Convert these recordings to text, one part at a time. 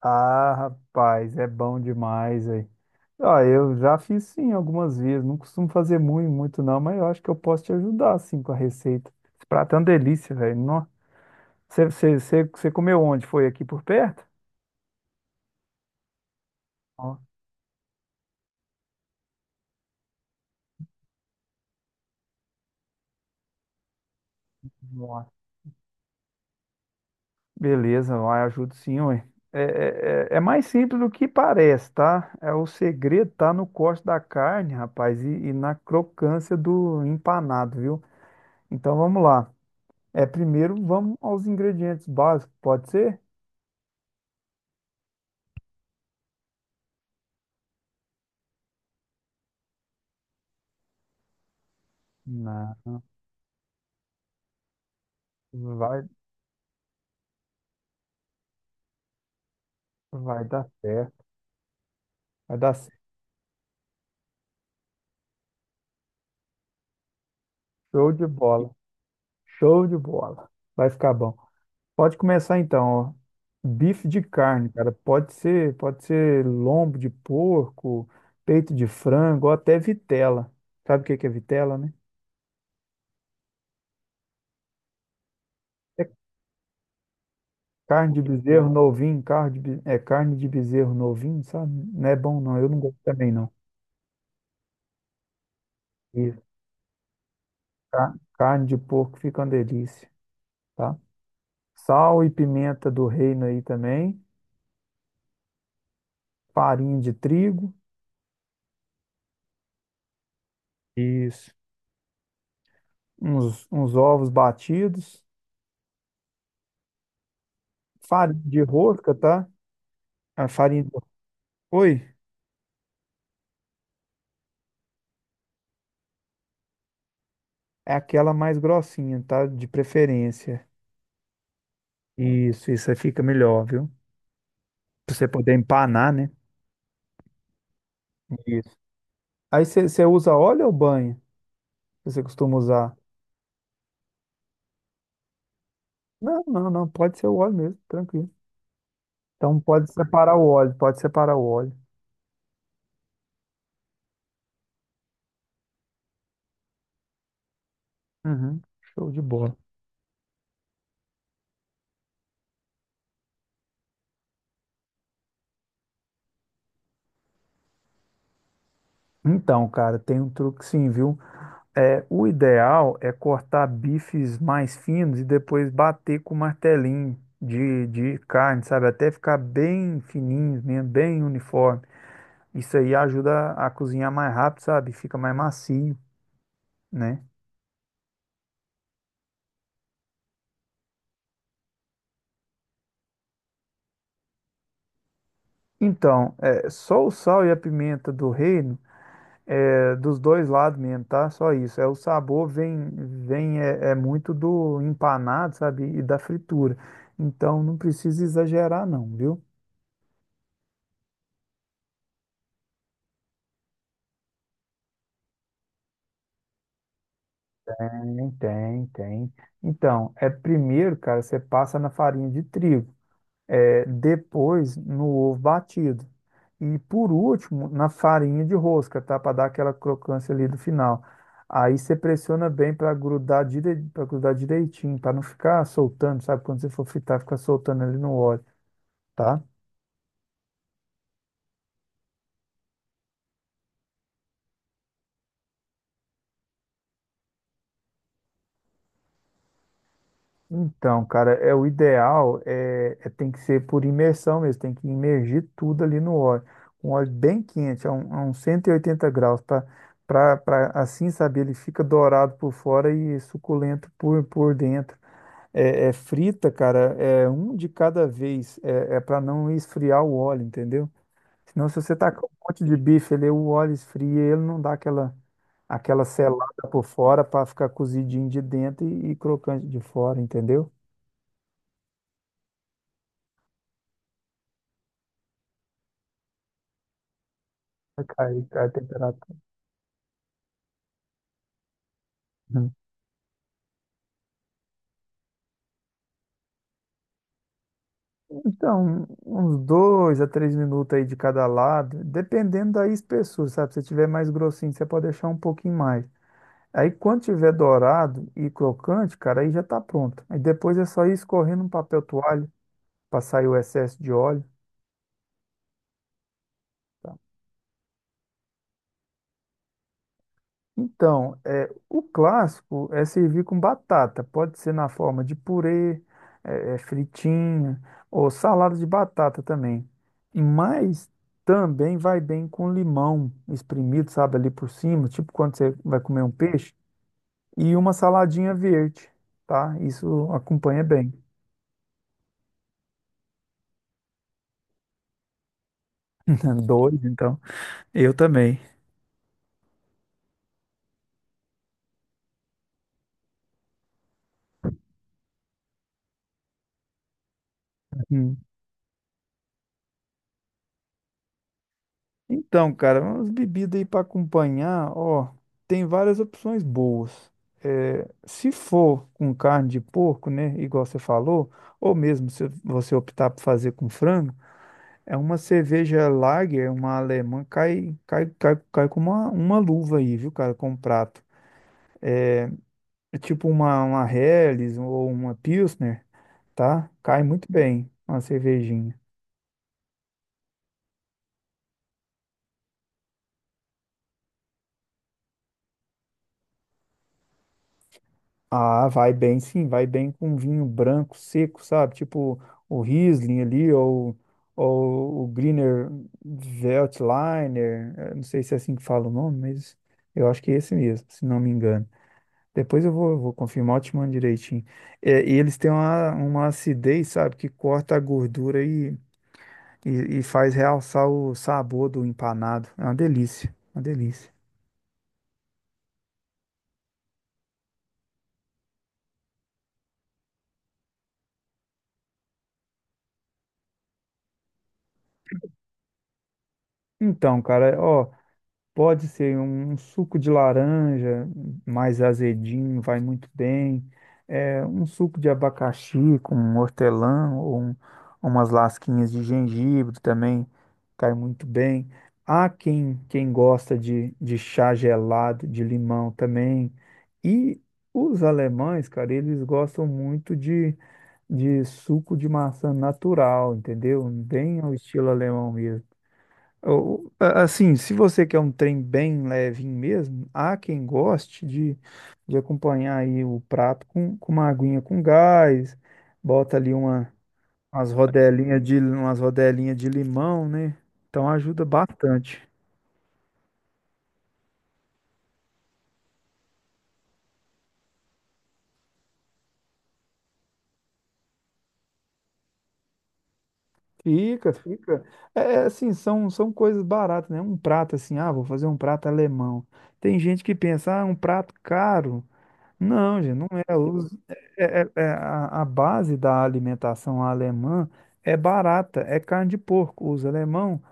Ah, rapaz, é bom demais aí. Ah, eu já fiz sim algumas vezes, não costumo fazer muito, muito não, mas eu acho que eu posso te ajudar assim com a receita. Esse prato é uma delícia, velho. Nó. Você comeu onde? Foi aqui por perto? Ó, nossa. Beleza, vai, ajudo sim, ué. É mais simples do que parece, tá? É, o segredo tá no corte da carne, rapaz, e na crocância do empanado, viu? Então vamos lá. É, primeiro vamos aos ingredientes básicos, pode ser? Não, vai, vai dar certo. Vai dar certo. Show de bola. Show de bola. Vai ficar bom. Pode começar então, ó. Bife de carne, cara. Pode ser lombo de porco, peito de frango, ou até vitela. Sabe o que que é vitela, né? É carne de bezerro novinho, carne de, é carne de bezerro novinho, sabe? Não é bom não, eu não gosto também não. Isso. Carne de porco fica uma delícia, tá? Sal e pimenta do reino aí também. Farinha de trigo. Isso. Uns ovos batidos, farinha de rosca, tá? A farinha de... Oi, é aquela mais grossinha, tá? De preferência. Isso aí fica melhor, viu? Pra você poder empanar, né? Isso. Aí você usa óleo ou banha? Que você costuma usar? Não, não, não, pode ser o óleo mesmo, tranquilo. Então pode separar o óleo, pode separar o óleo. Uhum, show de bola. Então, cara, tem um truque sim, viu? É, o ideal é cortar bifes mais finos e depois bater com martelinho de carne, sabe? Até ficar bem fininhos mesmo, bem uniforme. Isso aí ajuda a cozinhar mais rápido, sabe? Fica mais macio, né? Então, é, só o sal e a pimenta do reino é dos dois lados mesmo, tá? Só isso. É, o sabor vem, vem é, é muito do empanado, sabe? E da fritura. Então, não precisa exagerar, não, viu? Tem, tem, tem. Então, é primeiro, cara, você passa na farinha de trigo, é, depois no ovo batido e por último na farinha de rosca, tá? Para dar aquela crocância ali do final. Aí você pressiona bem para grudar, para grudar direitinho, para não ficar soltando, sabe? Quando você for fritar, fica soltando ali no óleo, tá? Então, cara, é o ideal tem que ser por imersão mesmo, tem que imergir tudo ali no óleo, um óleo bem quente, a uns 180 graus, para assim, sabe, ele fica dourado por fora e suculento por dentro. É, é frita, cara, é um de cada vez, é para não esfriar o óleo, entendeu? Senão, se você tacar um monte de bife ele o óleo esfria, ele não dá aquela, aquela selada por fora para ficar cozidinho de dentro e crocante de fora, entendeu? Cai, cai a temperatura. Uhum. Então, uns dois a três minutos aí de cada lado, dependendo da espessura, sabe? Se tiver mais grossinho, você pode deixar um pouquinho mais. Aí, quando tiver dourado e crocante, cara, aí já tá pronto. Aí depois é só ir escorrendo um papel toalha para sair o excesso de óleo. Tá? Então, é, o clássico é servir com batata. Pode ser na forma de purê, é, é, fritinha ou salada de batata também. Mas também vai bem com limão espremido, sabe, ali por cima, tipo quando você vai comer um peixe, e uma saladinha verde, tá? Isso acompanha bem. Dois, então. Eu também. Então, cara, umas bebidas aí para acompanhar, ó, tem várias opções boas. É, se for com carne de porco, né, igual você falou, ou mesmo se você optar por fazer com frango, é uma cerveja Lager, uma alemã, cai, cai, cai, cai com uma luva aí, viu, cara, com um prato. É tipo uma Helles ou uma Pilsner, tá? Cai muito bem uma cervejinha. Ah, vai bem, sim, vai bem com vinho branco seco, sabe? Tipo o Riesling ali, ou o Grüner Veltliner, não sei se é assim que fala o nome, mas eu acho que é esse mesmo, se não me engano. Depois eu vou, vou confirmar, eu te mando direitinho. É, e eles têm uma acidez, sabe, que corta a gordura e faz realçar o sabor do empanado. É uma delícia, uma delícia. Então, cara, ó. Pode ser um suco de laranja mais azedinho, vai muito bem. É, um suco de abacaxi com hortelã ou umas lasquinhas de gengibre também cai muito bem. Há quem gosta de chá gelado de limão também. E os alemães, cara, eles gostam muito de suco de maçã natural, entendeu? Bem ao estilo alemão mesmo. Ou, assim, se você quer um trem bem levinho mesmo, há quem goste de acompanhar aí o prato com uma aguinha com gás, bota ali uma, umas rodelinhas de limão, né? Então ajuda bastante. Fica, fica. É é assim, são, são coisas baratas, né? Um prato assim, ah, vou fazer um prato alemão. Tem gente que pensa, ah, um prato caro. Não, gente, não é. Os- é- é- é é, a base da alimentação alemã é barata, é carne de porco. Os alemão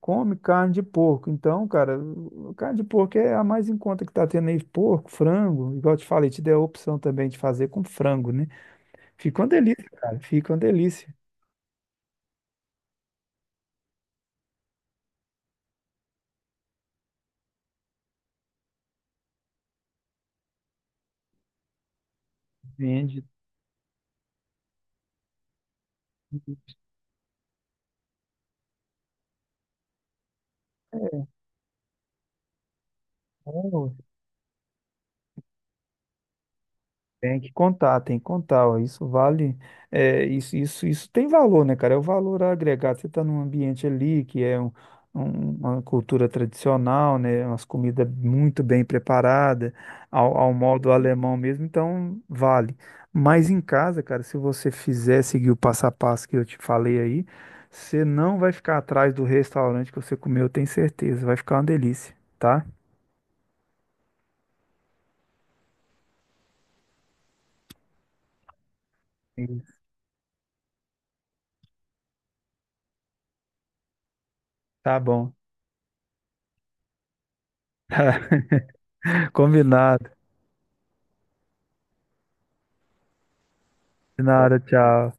comem carne de porco. Então, cara, o- carne de porco é a mais em conta que tá tendo aí. Porco, frango, igual eu te falei, te dei a opção também de fazer com frango, né? Fica uma delícia, cara. Fica uma delícia. Vende. Tem que contar, ó. Isso vale, é, isso tem valor, né, cara? É o valor agregado. Você está num ambiente ali que é uma cultura tradicional, né? Umas comidas muito bem preparadas, ao modo alemão mesmo, então vale. Mas em casa, cara, se você fizer seguir o passo a passo que eu te falei aí, você não vai ficar atrás do restaurante que você comeu, eu tenho certeza. Vai ficar uma delícia, tá? Isso. Tá bom. Combinado. De nada, tchau.